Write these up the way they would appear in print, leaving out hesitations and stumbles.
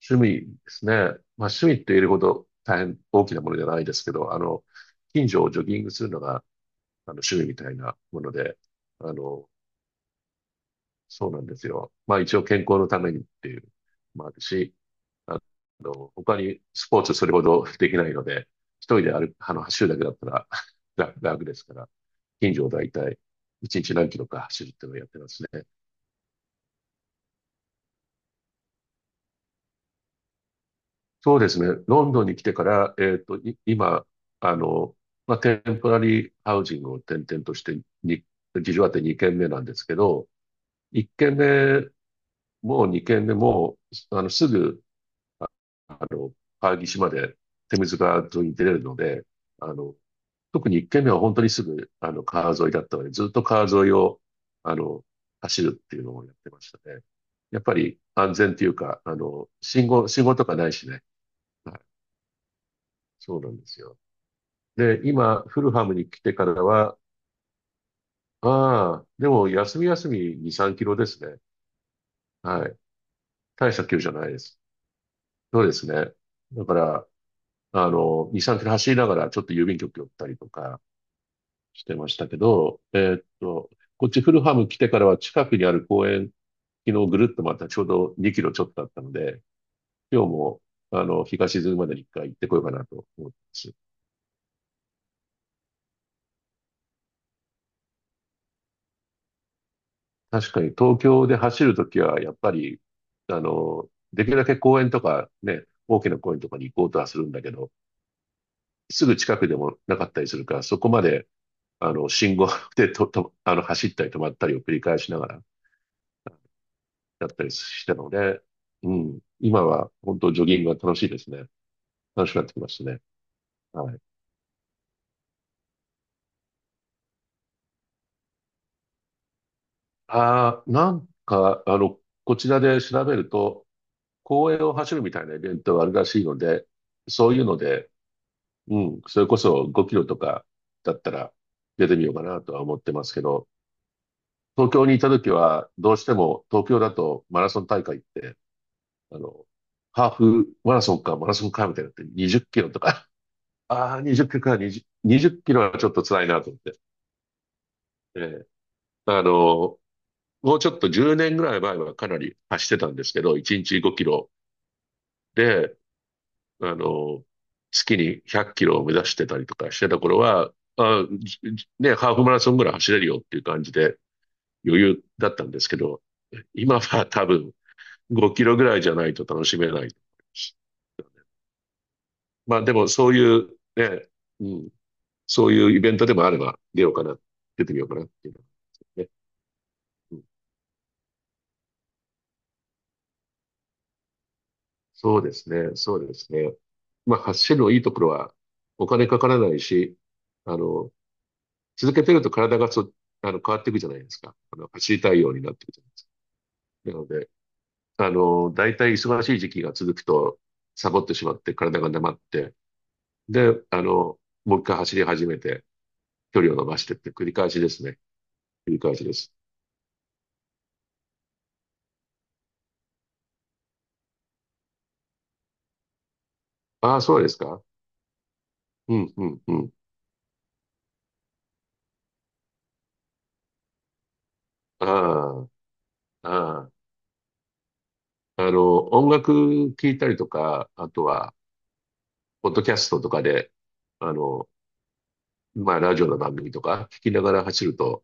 趣味ですね。まあ趣味って言えるほど大変大きなものじゃないですけど、近所をジョギングするのが趣味みたいなもので、あの、そうなんですよ。まあ一応健康のためにっていうのもあるし、あ他にスポーツそれほどできないので、一人で歩く、あの、走るだけだったら 楽ですから、近所をだいたい1日何キロか走るっていうのをやってますね。そうですね。ロンドンに来てから、今、あの、まあ、テンポラリーハウジングを転々としてに、事情あって2軒目なんですけど、1軒目も2軒目も、すぐ、ああの、川岸まで手水川沿いに出れるので、あの、特に1軒目は本当にすぐ、川沿いだったので、ずっと川沿いを、あの、走るっていうのをやってましたね。やっぱり安全っていうか、信号とかないしね。はい。そうなんですよ。で、今、フルハムに来てからは、でも休み休み2、3キロですね。はい。大した距離じゃないです。そうですね。だから、2、3キロ走りながらちょっと郵便局寄ったりとかしてましたけど、こっちフルハム来てからは近くにある公園、昨日ぐるっとまたちょうど2キロちょっとあったので、今日も、日が沈むまでに1回行ってこようかなと思ってます。確かに東京で走るときは、やっぱり、できるだけ公園とかね、大きな公園とかに行こうとはするんだけど、すぐ近くでもなかったりするから、そこまで、信号 でと、と、走ったり止まったりを繰り返しながらやったりしたので、うん、今は本当ジョギングが楽しいですね。楽しくなってきましたね。はい。ああ、なんか、こちらで調べると、公園を走るみたいなイベントがあるらしいので、そういうので、うん。それこそ5キロとかだったら出てみようかなとは思ってますけど、東京にいた時はどうしても東京だとマラソン大会って、あの、ハーフマラソンかマラソンかみたいになって20キロとか、ああ、20キロか20、20キロはちょっと辛いなと思って。ええ、あの、もうちょっと10年ぐらい前はかなり走ってたんですけど、1日5キロで、あの、月に100キロを目指してたりとかしてた頃は、あ、じじね、ハーフマラソンぐらい走れるよっていう感じで余裕だったんですけど、今は多分5キロぐらいじゃないと楽しめない。まあでもそういうね、うん、そういうイベントでもあれば出ようかな、出てみようかなっていうのがね。うん、そうですね、そうですね。まあ走るのいいところはお金かからないし、あの、続けてると体がそあの変わっていくじゃないですか。走りたいようになっていくじゃないですか。なので、大体忙しい時期が続くと、サボってしまって体が黙って、で、もう一回走り始めて、距離を伸ばしてって繰り返しですね。繰り返しです。ああ、そうですか。うん、うん、うん。ああ、ああ。音楽聴いたりとか、あとは、ポッドキャストとかで、あの、まあ、ラジオの番組とか聞きながら走ると、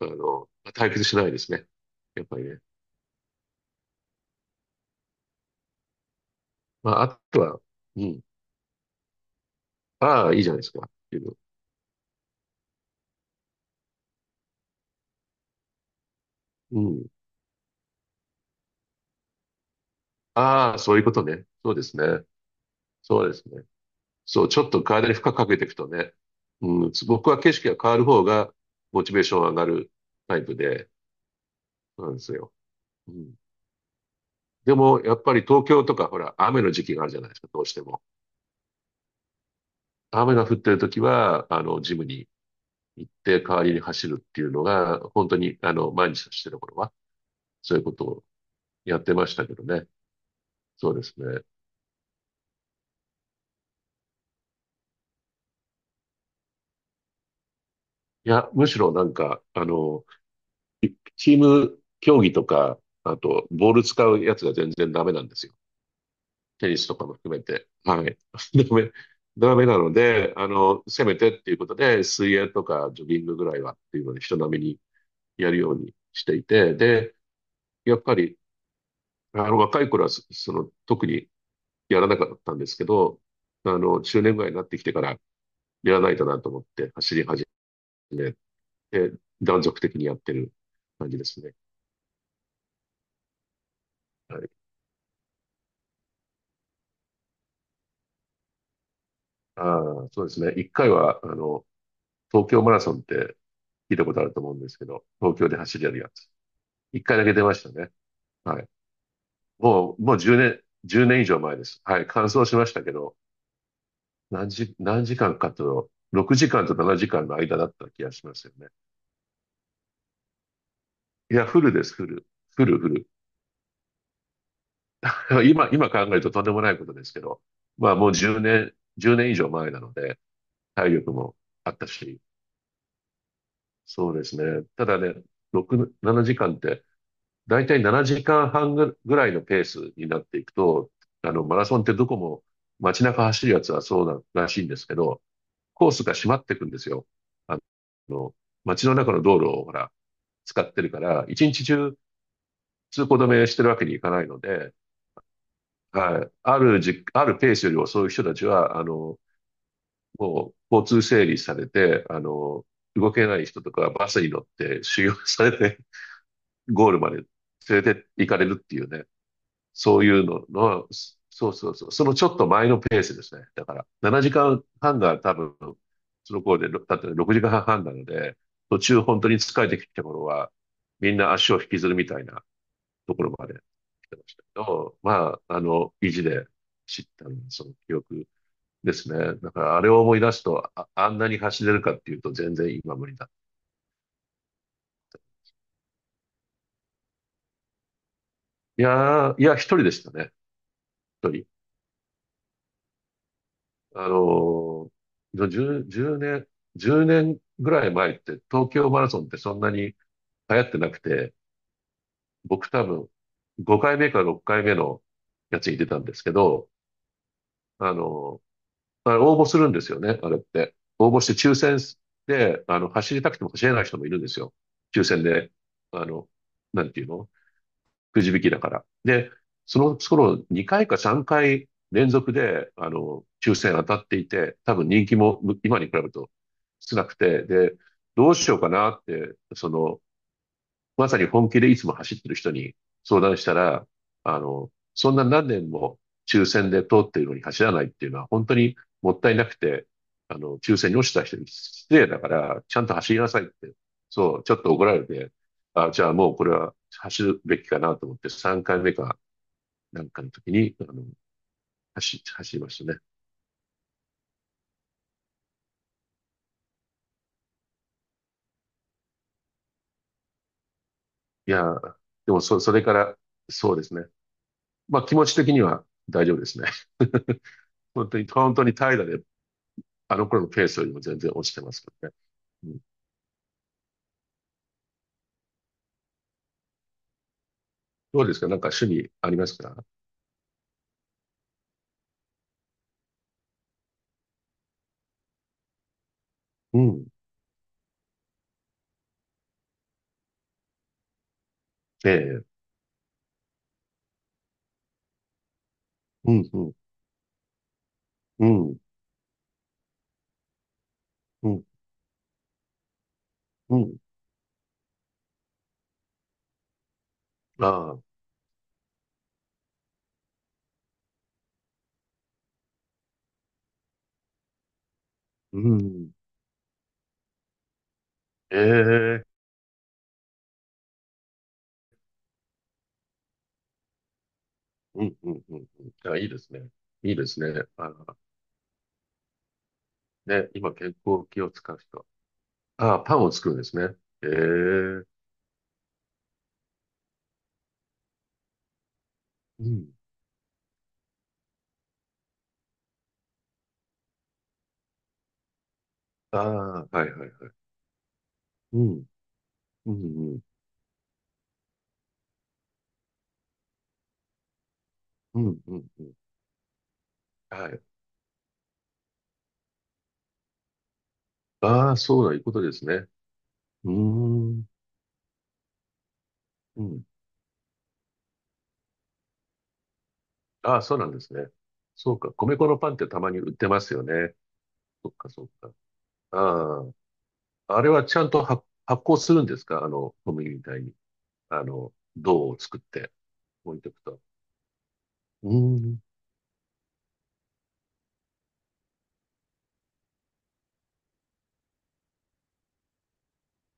退屈しないですね。やっぱりね。まあ、あとは、うん。ああ、いいじゃないですか。っていう。うん。ああ、そういうことね。そうですね。そうですね。そう、ちょっと体に負荷かけていくとね。うん、僕は景色が変わる方がモチベーション上がるタイプで、そうなんですよ。うん。でも、やっぱり東京とか、ほら、雨の時期があるじゃないですか、どうしても。雨が降ってる時は、ジムに行って代わりに走るっていうのが、本当に、毎日してる頃は、そういうことをやってましたけどね。そうですね。いや、むしろなんか、チーム競技とか、あと、ボール使うやつが全然ダメなんですよ。テニスとかも含めて。はい。ダメ、ダメなので、せめてっていうことで、水泳とかジョギングぐらいはっていうので、人並みにやるようにしていて、で、やっぱり、若い頃はその、特にやらなかったんですけど、中年ぐらいになってきてから、やらないとなと思って、走り始めて、断続的にやってる感じですね。はい。ああ、そうですね。一回は、東京マラソンって聞いたことあると思うんですけど、東京で走りやるやつ。一回だけ出ましたね。はい。もう10年、1年以上前です。はい。完走しましたけど、何時間かと、6時間と7時間の間だった気がしますよね。いや、フルです、フル。フル、フル。今考えるととんでもないことですけど、まあもう10年、10年以上前なので、体力もあったし、そうですね。ただね、6、7時間って、だいたい7時間半ぐらいのペースになっていくと、マラソンってどこも街中走るやつはそうならしいんですけど、コースが閉まっていくんですよ。あの、街の中の道路をほら、使ってるから、一日中通行止めしてるわけにいかないので、はい。あるじ、あるペースより遅い人たちは、もう交通整理されて、動けない人とかはバスに乗って修行されて、ゴールまで連れて行かれるっていうね。そういうのの、そうそうそう、そのちょっと前のペースですね。だから、7時間半が多分、その頃で、ろだって6時間半なので、途中本当に疲れてきた頃は、みんな足を引きずるみたいなところまで来てましたけど、まあ、意地で知ったその記憶ですね。だから、あれを思い出すと、あ、あんなに走れるかっていうと、全然今無理だ。いやー、いや、一人でしたね。一人。あの、10、10年、1年ぐらい前って東京マラソンってそんなに流行ってなくて、僕多分5回目か6回目のやつに出たんですけど、あの、あれ応募するんですよね、あれって。応募して抽選で、走りたくても走れない人もいるんですよ。抽選で、あの、なんていうのくじ引きだから。で、その頃2回か3回連続で、抽選当たっていて、多分人気も今に比べると少なくて、で、どうしようかなって、その、まさに本気でいつも走ってる人に相談したら、そんな何年も抽選で通っているのに走らないっていうのは本当にもったいなくて、抽選に落ちた人に失礼だから、ちゃんと走りなさいって、そう、ちょっと怒られて、あ、じゃあもうこれは走るべきかなと思って3回目かなんかの時に、走りましたね。いやー、でもそれから、そうですね。まあ気持ち的には大丈夫ですね。本当に、本当に怠惰で、あの頃のペースよりも全然落ちてますけどね。うん。どうですか？なんか趣味ありますか？うん。ええ。うん、うん、うん、うん、うん。ああ、うん。ええ。うん、うん、うん。うん、あ、いいですね。いいですね。ああ、ね、今、健康器を使う人。ああ、パンを作るんですね。ええ。うん。ああ、はい、はい、はい。うん、うん、うん、うん、うん。うん、はい。ああ、そうだ、いうことですね。うーん。うん。ああ、そうなんですね。そうか。米粉のパンってたまに売ってますよね。そっか、そっか。ああ。あれはちゃんと発酵するんですか？小麦みたいに。銅を作って置いておくと。うーん。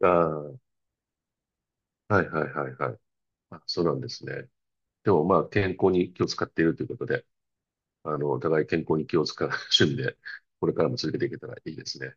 ああ、はいはいはいはい。あ、そうなんですね。でもまあ、健康に気を使っているということで、お互い健康に気を使う趣味で、これからも続けていけたらいいですね。